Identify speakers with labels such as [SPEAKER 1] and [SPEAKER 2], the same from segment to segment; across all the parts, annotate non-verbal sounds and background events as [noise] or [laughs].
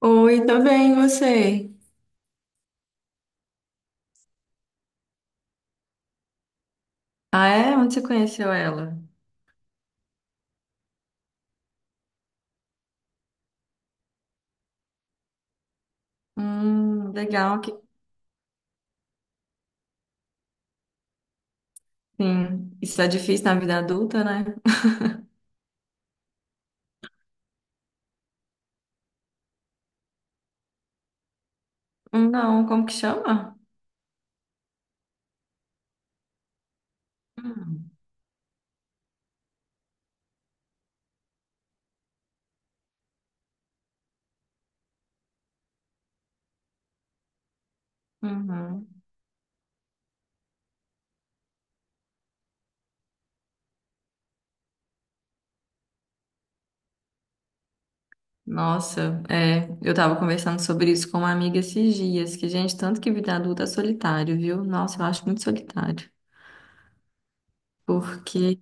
[SPEAKER 1] Oi, tudo bem, e você? Ah, é? Onde você conheceu ela? Legal que sim. Isso é difícil na vida adulta, né? Não, como que chama? Hum, uhum. Nossa, é, eu tava conversando sobre isso com uma amiga esses dias, que, gente, tanto que vida adulta é solitário, viu? Nossa, eu acho muito solitário. Porque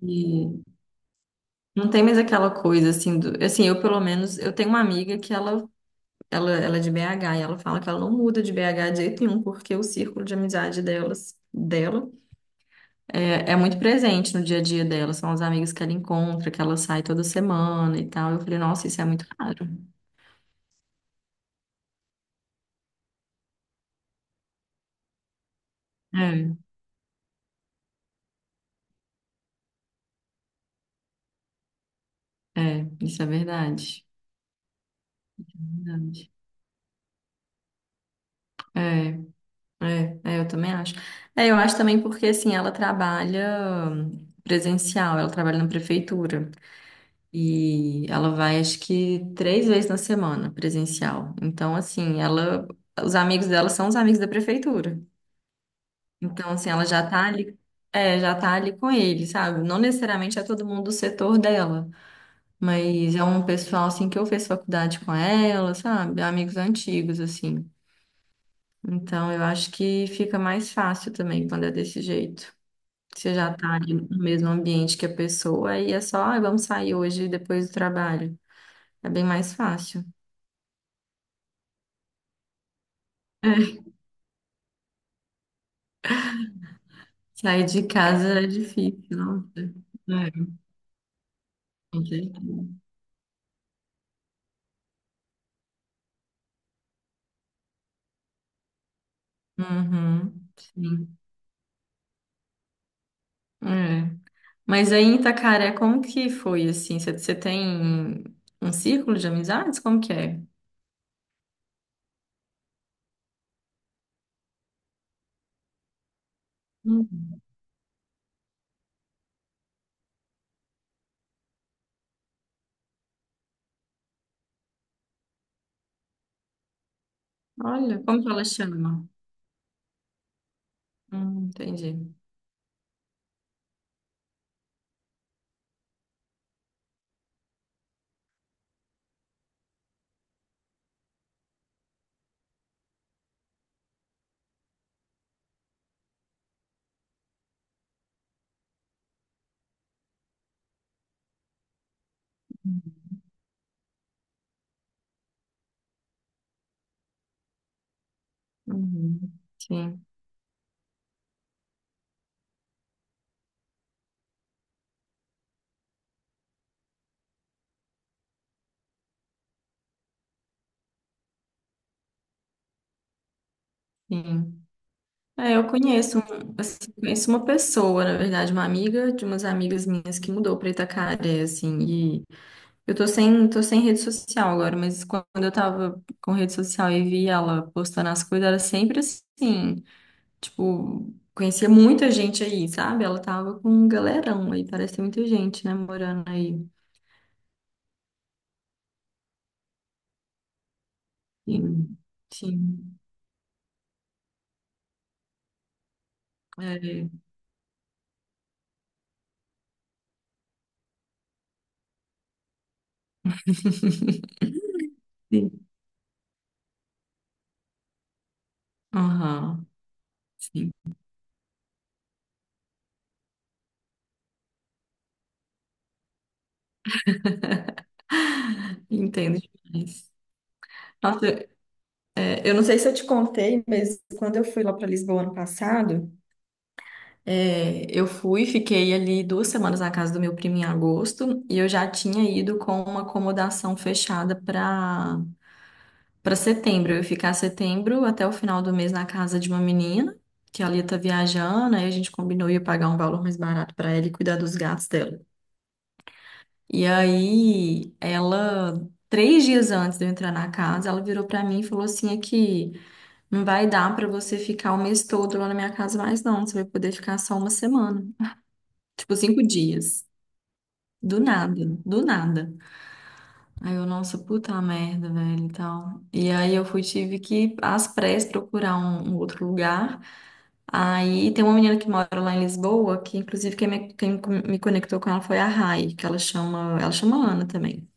[SPEAKER 1] não tem mais aquela coisa assim do, assim, eu pelo menos, eu tenho uma amiga que ela é de BH e ela fala que ela não muda de BH de jeito nenhum, porque o círculo de amizade dela é muito presente no dia a dia dela. São os amigos que ela encontra, que ela sai toda semana e tal. Eu falei, nossa, isso é muito raro. É, isso é verdade. Verdade. É, eu também acho. É, eu acho também porque, assim, ela trabalha presencial, ela trabalha na prefeitura. E ela vai, acho que, três vezes na semana presencial. Então, assim, ela, os amigos dela são os amigos da prefeitura. Então, assim, ela já tá ali, é, já tá ali com ele, sabe? Não necessariamente é todo mundo do setor dela, mas é um pessoal, assim, que eu fiz faculdade com ela, sabe? Amigos antigos, assim. Então, eu acho que fica mais fácil também quando é desse jeito. Você já tá ali no mesmo ambiente que a pessoa e é só, ah, vamos sair hoje depois do trabalho. É bem mais fácil. É, sair de casa é difícil, não? É, com certeza. Uhum, sim. É. Mas aí em Itacaré, como que foi assim? Você tem um círculo de amizades? Como que é? Hum, Olha, como que ela chama? Entendi. Uhum, sim, sim. É, eu conheço, assim, conheço uma pessoa, na verdade, uma amiga de umas amigas minhas que mudou para Itacaré, assim, eu tô sem rede social agora, mas quando eu tava com rede social e vi ela postando as coisas, era sempre assim, tipo, conhecia muita gente aí, sabe? Ela tava com um galerão aí, parece ter muita gente, né, morando aí. Sim, sim. É, [laughs] sim. Aham, sim. Entendo demais. Nossa, é, eu não sei se eu te contei, mas quando eu fui lá para Lisboa ano passado, é, eu fui, fiquei ali duas semanas na casa do meu primo em agosto e eu já tinha ido com uma acomodação fechada para setembro. Eu ia ficar setembro até o final do mês na casa de uma menina que ela ia estar viajando, aí a gente combinou ia pagar um valor mais barato para ela e cuidar dos gatos dela. E aí ela 3 dias antes de eu entrar na casa, ela virou para mim e falou assim: aqui, não vai dar para você ficar o mês todo lá na minha casa mais, não. Você vai poder ficar só uma semana, tipo 5 dias. Do nada, do nada. Aí eu, nossa, puta merda, velho, e tal. E aí eu fui, tive que ir às pressas procurar um outro lugar. Aí tem uma menina que mora lá em Lisboa, que inclusive quem me conectou com ela foi a Rai, que ela chama Ana também.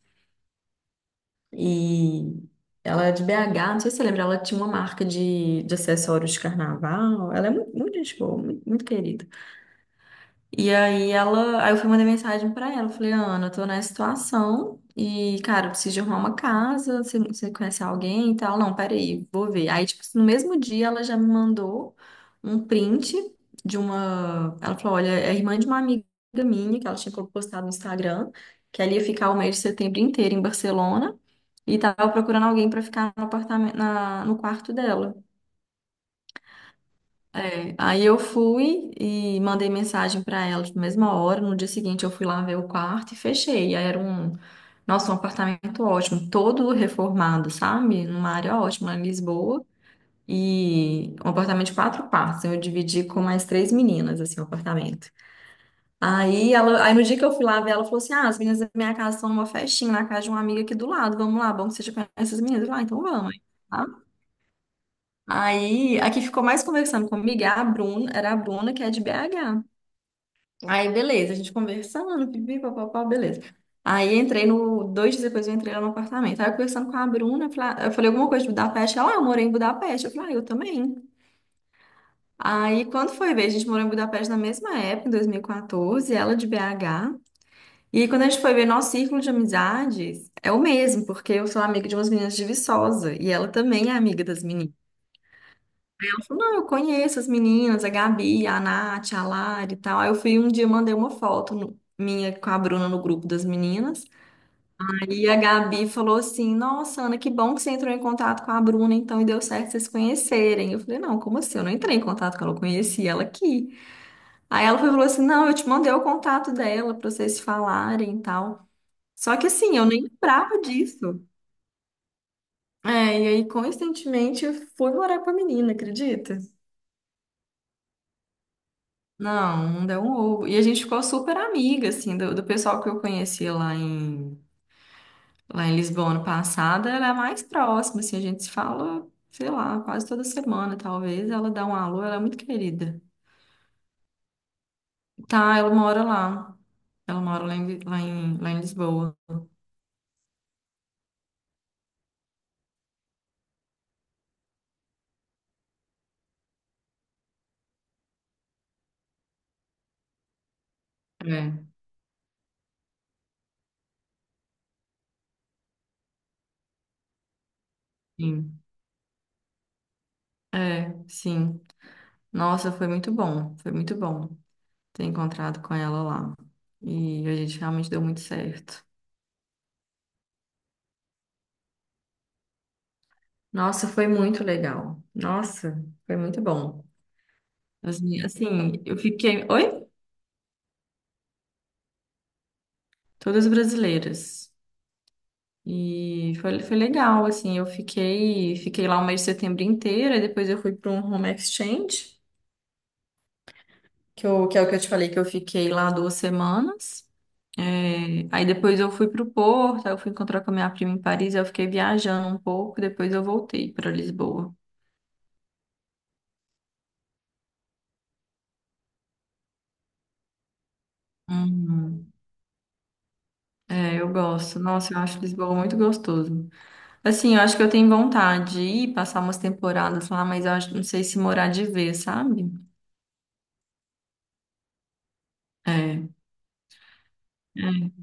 [SPEAKER 1] E ela é de BH, não sei se você lembra, ela tinha uma marca de acessórios de carnaval. Ela é muito, muito gente boa, muito, muito querida. E aí ela, aí eu fui mandar mensagem pra ela, falei, Ana, eu tô nessa situação e, cara, eu preciso de arrumar uma casa, você conhece alguém e tal? Não, peraí, vou ver. Aí, tipo, no mesmo dia ela já me mandou um print de uma, ela falou, olha, é irmã de uma amiga minha que ela tinha postado no Instagram, que ela ia ficar o mês de setembro inteiro em Barcelona e tava procurando alguém pra ficar no apartamento, no quarto dela. É, aí eu fui e mandei mensagem para ela na mesma hora. No dia seguinte eu fui lá ver o quarto e fechei. Aí era um, nossa, um apartamento ótimo, todo reformado, sabe? Numa área ótima lá em Lisboa. E um apartamento de 4 quartos. Eu dividi com mais três meninas, assim, o apartamento. Aí, ela, aí no dia que eu fui lá ver, ela falou assim: ah, as meninas da minha casa estão numa festinha na casa de uma amiga aqui do lado. Vamos lá, bom que você já conhece as meninas. Eu falei, ah, então vamos. Aí, a que ficou mais conversando comigo era a Bruna, que é de BH. Aí, beleza, a gente conversando, pipi, papapá, beleza. Aí, entrei no, dois dias depois eu entrei lá no apartamento. Aí, eu conversando com a Bruna, eu falei, ah, eu falei alguma coisa de Budapeste. Ela, ah, eu morei em Budapeste. Eu falei, ah, eu também. Aí, quando foi ver, a gente morou em Budapeste na mesma época, em 2014, ela de BH. E quando a gente foi ver, nosso círculo de amizades é o mesmo, porque eu sou amiga de umas meninas de Viçosa, e ela também é amiga das meninas. Ela falou, não, eu conheço as meninas, a Gabi, a Nath, a Lari e tal. Aí eu fui um dia, mandei uma foto minha com a Bruna no grupo das meninas. Aí a Gabi falou assim, nossa, Ana, que bom que você entrou em contato com a Bruna, então, e deu certo vocês se conhecerem. Eu falei, não, como assim? Eu não entrei em contato com ela, eu conheci ela aqui. Aí ela foi e falou assim, não, eu te mandei o contato dela pra vocês se falarem e tal. Só que assim, eu nem lembrava disso. É, e aí, coincidentemente, eu fui morar com a menina, acredita? Não, não deu um ovo. E a gente ficou super amiga, assim, do pessoal que eu conheci lá em Lisboa ano passado, ela é a mais próxima, assim, a gente se fala, sei lá, quase toda semana, talvez. Ela dá um alô, ela é muito querida. Tá, ela mora lá. Ela mora lá em Lisboa. É, sim. É, sim. Nossa, foi muito bom ter encontrado com ela lá. E a gente realmente deu muito certo. Nossa, foi muito legal. Nossa, foi muito bom. As minhas- assim, eu fiquei. Oi? Todas brasileiras. E foi, foi legal, assim, eu fiquei, fiquei lá o mês de setembro inteiro, e depois eu fui para um home exchange, que, eu, que é o que eu te falei que eu fiquei lá duas semanas. É, aí depois eu fui para o Porto, aí eu fui encontrar com a minha prima em Paris, aí eu fiquei viajando um pouco, depois eu voltei para Lisboa. Uhum. É, eu gosto. Nossa, eu acho Lisboa muito gostoso. Assim, eu acho que eu tenho vontade de ir passar umas temporadas lá, mas eu acho, não sei se morar de vez, sabe? É. É.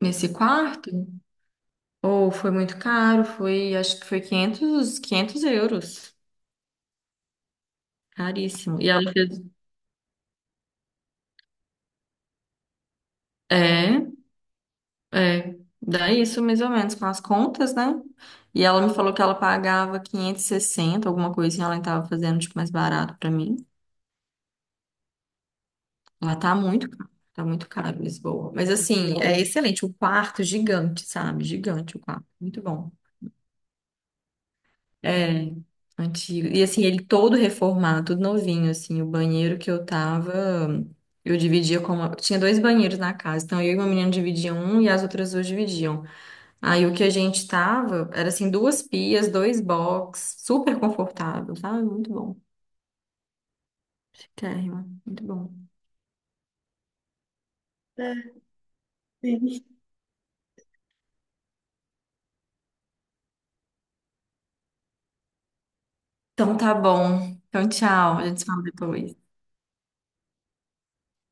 [SPEAKER 1] Nesse quarto? Ou foi muito caro, foi, acho que foi 500 euros. Caríssimo. E ela fez, é, é, dá isso mais ou menos com as contas, né? E ela me falou que ela pagava 560 alguma coisinha, ela estava fazendo tipo mais barato pra mim. Lá tá muito caro Lisboa. Mas assim, é excelente. O quarto é gigante, sabe? Gigante o quarto. Muito bom. É, antigo. E assim, ele todo reformado, tudo novinho, assim. O banheiro que eu tava, eu dividia com uma... Tinha dois banheiros na casa. Então eu e uma menina dividiam um e as outras duas dividiam. Aí o que a gente tava era assim, duas pias, dois box, super confortável, sabe? Muito bom. Chiquérrimo, muito bom. Então tá bom. Então tchau, a gente se fala depois.